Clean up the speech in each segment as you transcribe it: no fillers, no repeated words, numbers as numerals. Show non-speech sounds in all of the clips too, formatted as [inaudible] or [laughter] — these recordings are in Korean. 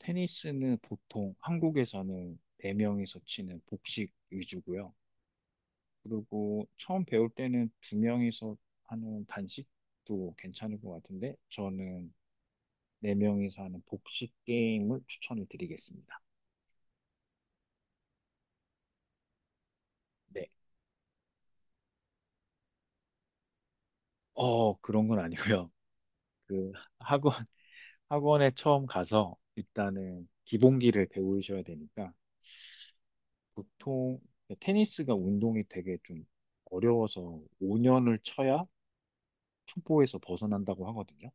테니스는 보통 한국에서는 4명이서 치는 복식 위주고요. 그리고 처음 배울 때는 2명이서 하는 단식도 괜찮을 것 같은데 저는 4명이서 하는 복식 게임을 추천을 드리겠습니다. 네. 어, 그런 건 아니고요. [laughs] 그 학원, 학원에 처음 가서 일단은 기본기를 배우셔야 되니까 보통 테니스가 운동이 되게 좀 어려워서 5년을 쳐야 초보에서 벗어난다고 하거든요.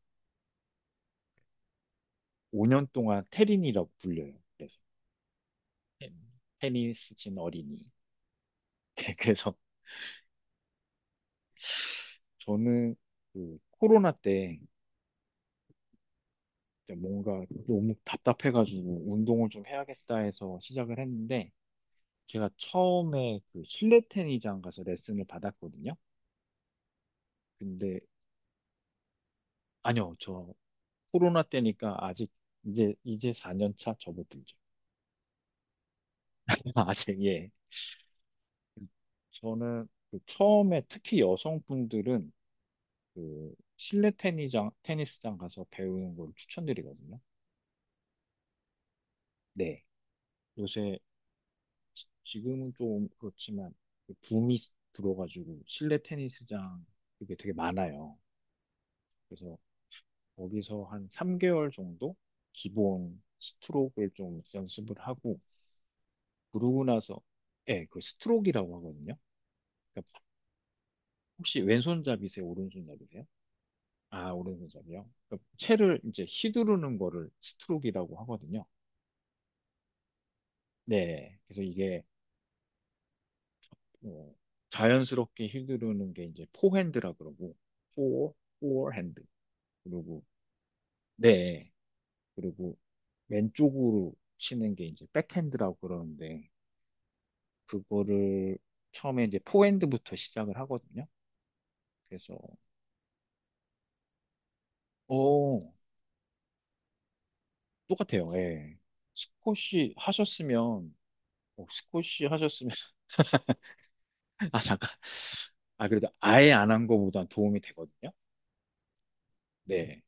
5년 동안 테린이라고 불려요. 그래서 테린, 테니스 친 어린이. [laughs] 그래서 저는 그 코로나 때 뭔가 너무 답답해가지고 운동을 좀 해야겠다 해서 시작을 했는데 제가 처음에 그 실내 테니장 가서 레슨을 받았거든요. 근데 아니요, 저 코로나 때니까 아직 이제 4년 차 접어들죠. [laughs] 아직 예. 저는 그 처음에 특히 여성분들은 그 실내 테니스장 가서 배우는 걸 추천드리거든요. 네. 요새 지금은 좀 그렇지만 그 붐이 불어가지고 실내 테니스장 그게 되게 많아요. 그래서 거기서 한 3개월 정도 기본 스트로크를 좀 연습을 하고 그러고 나서 예, 그 스트로크라고 하거든요. 그러니까 혹시 왼손잡이세요? 오른손잡이세요? 아, 오른손잡이요. 그러니까 채를 이제 휘두르는 거를 스트로크라고 하거든요. 네. 그래서 이게 어, 자연스럽게 휘두르는 게 이제 포핸드라 그러고 포 포핸드 그리고 네 그리고 왼쪽으로 치는 게 이제 백핸드라고 그러는데 그거를 처음에 이제 포핸드부터 시작을 하거든요. 그래서 어 똑같아요. 예. 스쿼시 하셨으면 어, 스쿼시 하셨으면 [laughs] 아 잠깐 아 그래도 아예 안 한 거보단 도움이 되거든요. 네.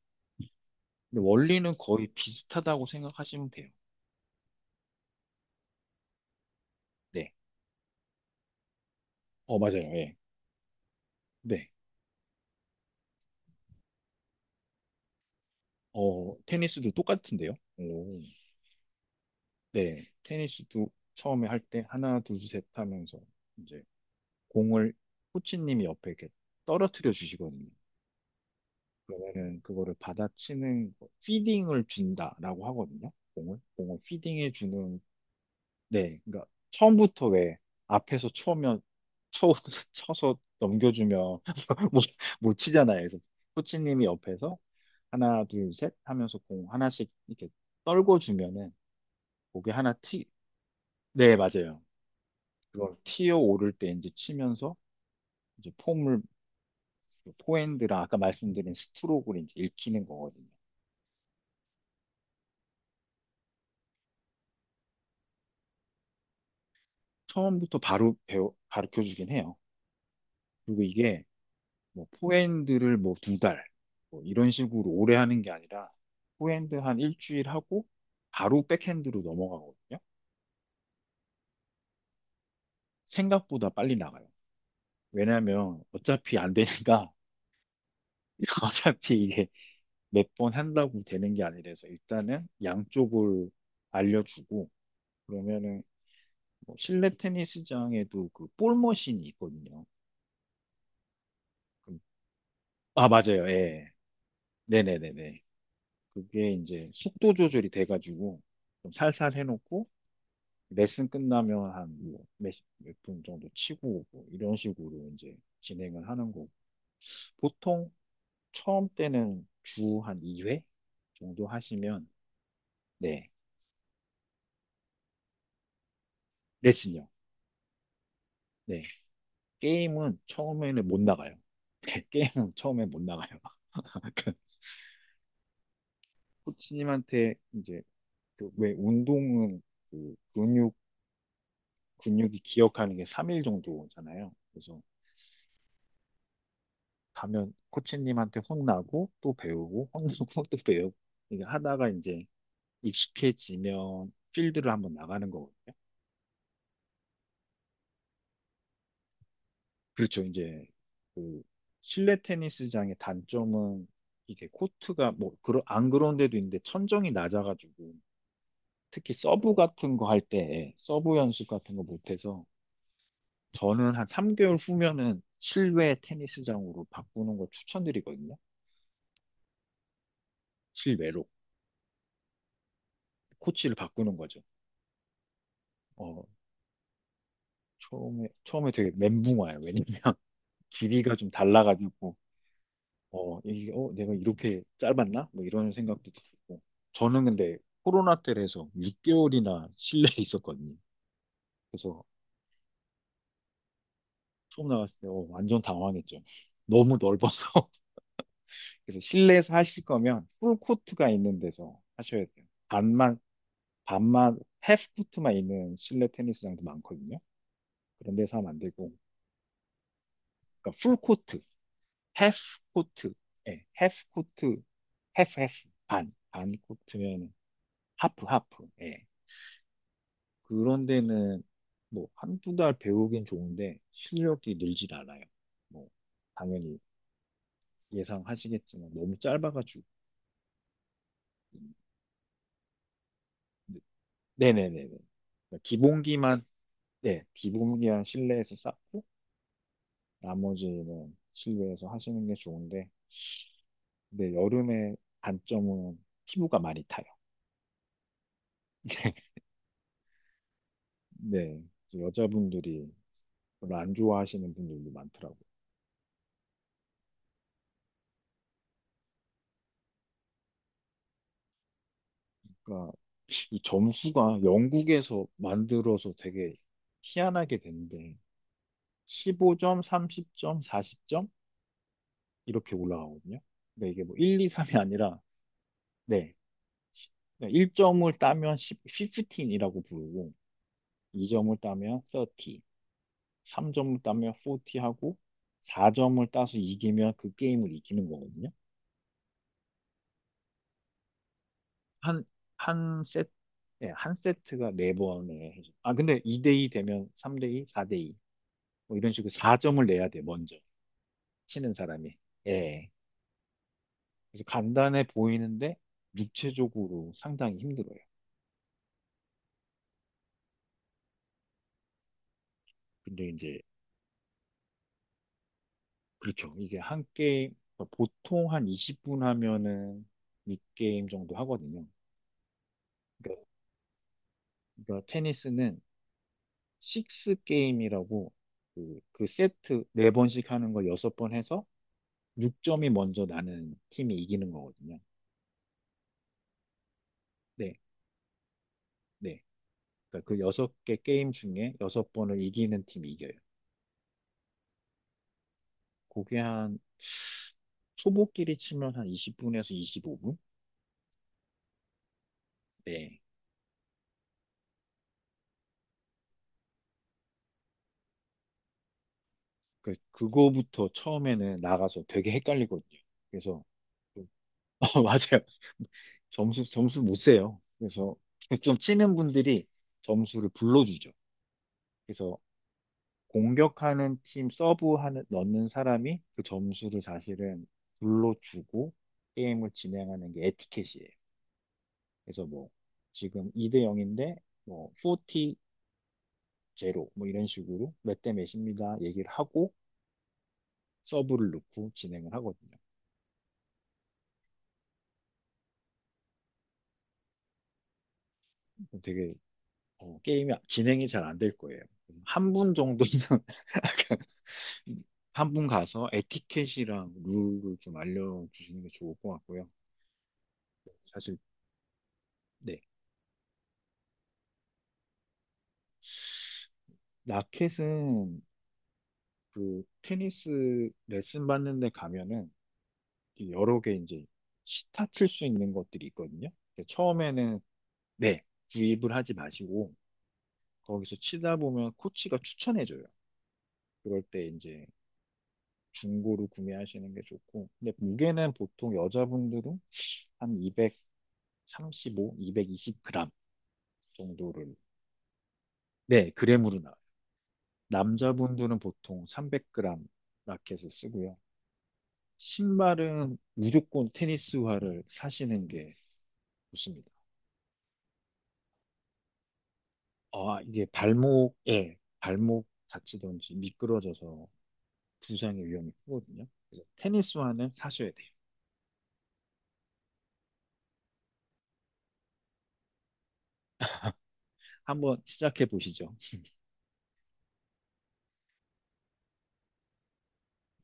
근데 원리는 거의 비슷하다고 생각하시면 돼요. 네. 어 맞아요. 예. 네. 어, 테니스도 똑같은데요? 오. 네, 테니스도 처음에 할 때 하나, 둘, 셋 하면서 이제 공을 코치님이 옆에 이렇게 떨어뜨려 주시거든요. 그러면은 그거를 받아치는, 거, 피딩을 준다라고 하거든요. 공을. 공을 피딩해 주는, 네, 그러니까 처음부터 왜 앞에서 쳐, [laughs] 쳐서 넘겨주면 [laughs] 못, 못 치잖아요. 그래서 코치님이 옆에서 하나, 둘, 셋 하면서 공 하나씩 이렇게 떨궈 주면은 그게 하나 튀, 네, 맞아요. 그걸 티어 오를 때 이제 치면서 이제 폼을, 포핸드랑 아까 말씀드린 스트로크를 이제 읽히는 거거든요. 처음부터 바로 가르쳐 주긴 해요. 그리고 이게 뭐 포핸드를 뭐 두 달, 뭐 이런 식으로 오래 하는 게 아니라 포핸드 한 일주일 하고 바로 백핸드로 넘어가거든요. 생각보다 빨리 나가요. 왜냐면 어차피 안 되니까 [laughs] 어차피 이게 몇 번 한다고 되는 게 아니라서 일단은 양쪽을 알려주고 그러면은 뭐 실내 테니스장에도 그 볼 머신이 있거든요. 그- 아, 맞아요. 예. 네네네네. 그게 이제 속도 조절이 돼가지고 좀 살살 해놓고 레슨 끝나면 한몇몇분 정도 치고 오고 이런 식으로 이제 진행을 하는 거고 보통 처음 때는 주 한 2회 정도 하시면 네 레슨요. 게임은 처음에는 못 나가요. [laughs] 게임은 처음에 못 나가요. [laughs] 코치님한테 이제 그왜 운동은 그 근육 근육이 기억하는 게 3일 정도잖아요. 그래서 가면 코치님한테 혼나고 또 배우고 혼나고 [laughs] 또 배우고 이게 하다가 이제 익숙해지면 필드를 한번 나가는 거거든요. 그렇죠. 이제 그 실내 테니스장의 단점은 이게 코트가 뭐 그런 안 그런 데도 있는데 천정이 낮아가지고 특히 서브 같은 거 할 때 서브 연습 같은 거 못해서 저는 한 3개월 후면은 실외 테니스장으로 바꾸는 거 추천드리거든요. 실외로 코치를 바꾸는 거죠. 어, 처음에 되게 멘붕 와요. 왜냐면 [laughs] 길이가 좀 달라가지고 어, 이게 어, 내가 이렇게 짧았나? 뭐 이런 생각도 들고 저는 근데 코로나 때라서 6개월이나 실내에 있었거든요. 그래서 처음 나갔을 때 어, 완전 당황했죠. 너무 넓어서 그래서 실내에서 하실 거면 풀코트가 있는 데서 하셔야 돼요. 반만, 해프코트만 있는 실내 테니스장도 많거든요. 그런 데서 하면 안 되고, 그러니까 풀코트, 해프코트 예, 해프코트 해프 반, 반코트면 하프, 예. 그런 데는 뭐 한두 달 배우긴 좋은데 실력이 늘진 않아요. 뭐, 당연히 예상하시겠지만 너무 짧아가지고. 네네네네. 기본기만 네, 기본기한 실내에서 쌓고 나머지는 실외에서 하시는 게 좋은데 근데 여름에 단점은 피부가 많이 타요. [laughs] 네, 그래서 여자분들이 별로 안 좋아하시는 분들도 많더라고요. 그러니까 이 점수가 영국에서 만들어서 되게 희한하게 된데 15점, 30점, 40점 이렇게 올라가거든요. 근데 이게 뭐 1, 2, 3이 아니라 네, 1점을 따면 15이라고 부르고 2점을 따면 30, 3점을 따면 40 하고 4점을 따서 이기면 그 게임을 이기는 거거든요. 한, 한 세트, 네, 한 세트가 4번을 해줘 아, 근데 2대2 되면 3대2, 4대2. 뭐 이런 식으로 4점을 내야 돼, 먼저. 치는 사람이. 예. 그래서 간단해 보이는데 육체적으로 상당히 힘들어요. 근데 이제, 그렇죠. 이게 한 게임, 보통 한 20분 하면은 6게임 정도 하거든요. 그러니까, 그러니까 테니스는 식스 게임이라고 그 세트 네 번씩 하는 걸 여섯 번 해서 6점이 먼저 나는 팀이 이기는 거거든요. 네, 네. 그러니까 그 여섯 개 게임 중에 여섯 번을 이기는 팀이 이겨요. 그게 한 초보끼리 치면 한 20분에서 25분? 네. 그거부터 처음에는 나가서 되게 헷갈리거든요. 그래서, 좀- [laughs] 어, 맞아요. 점수 못 세요. 그래서 좀 치는 분들이 점수를 불러주죠. 그래서 공격하는 팀 서브하는 넣는 사람이 그 점수를 사실은 불러주고 게임을 진행하는 게 에티켓이에요. 그래서 뭐 지금 2 대 0인데 뭐 40 제로 뭐 이런 식으로 몇 대 몇입니다 얘기를 하고 서브를 넣고 진행을 하거든요. 되게 어, 게임이 진행이 잘 안 될 거예요. 한 분 정도는 [laughs] 한 분 가서 에티켓이랑 룰을 좀 알려주시는 게 좋을 것 같고요. 사실 네. 라켓은 그 테니스 레슨 받는 데 가면은 여러 개 이제 시타 칠 수 있는 것들이 있거든요. 근데 처음에는 네, 구입을 하지 마시고 거기서 치다 보면 코치가 추천해줘요. 그럴 때 이제 중고로 구매하시는 게 좋고 근데 무게는 보통 여자분들은 한 235, 220g 정도를 네, 그램으로 나와요. 남자분들은 보통 300g 라켓을 쓰고요. 신발은 무조건 테니스화를 사시는 게 좋습니다. 아, 이게 발목 다치든지 미끄러져서 부상의 위험이 크거든요. 그래서 테니스화는 사셔야 돼요. 한번 시작해 보시죠. [laughs]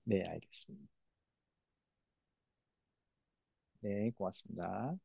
네, 알겠습니다. 네, 고맙습니다.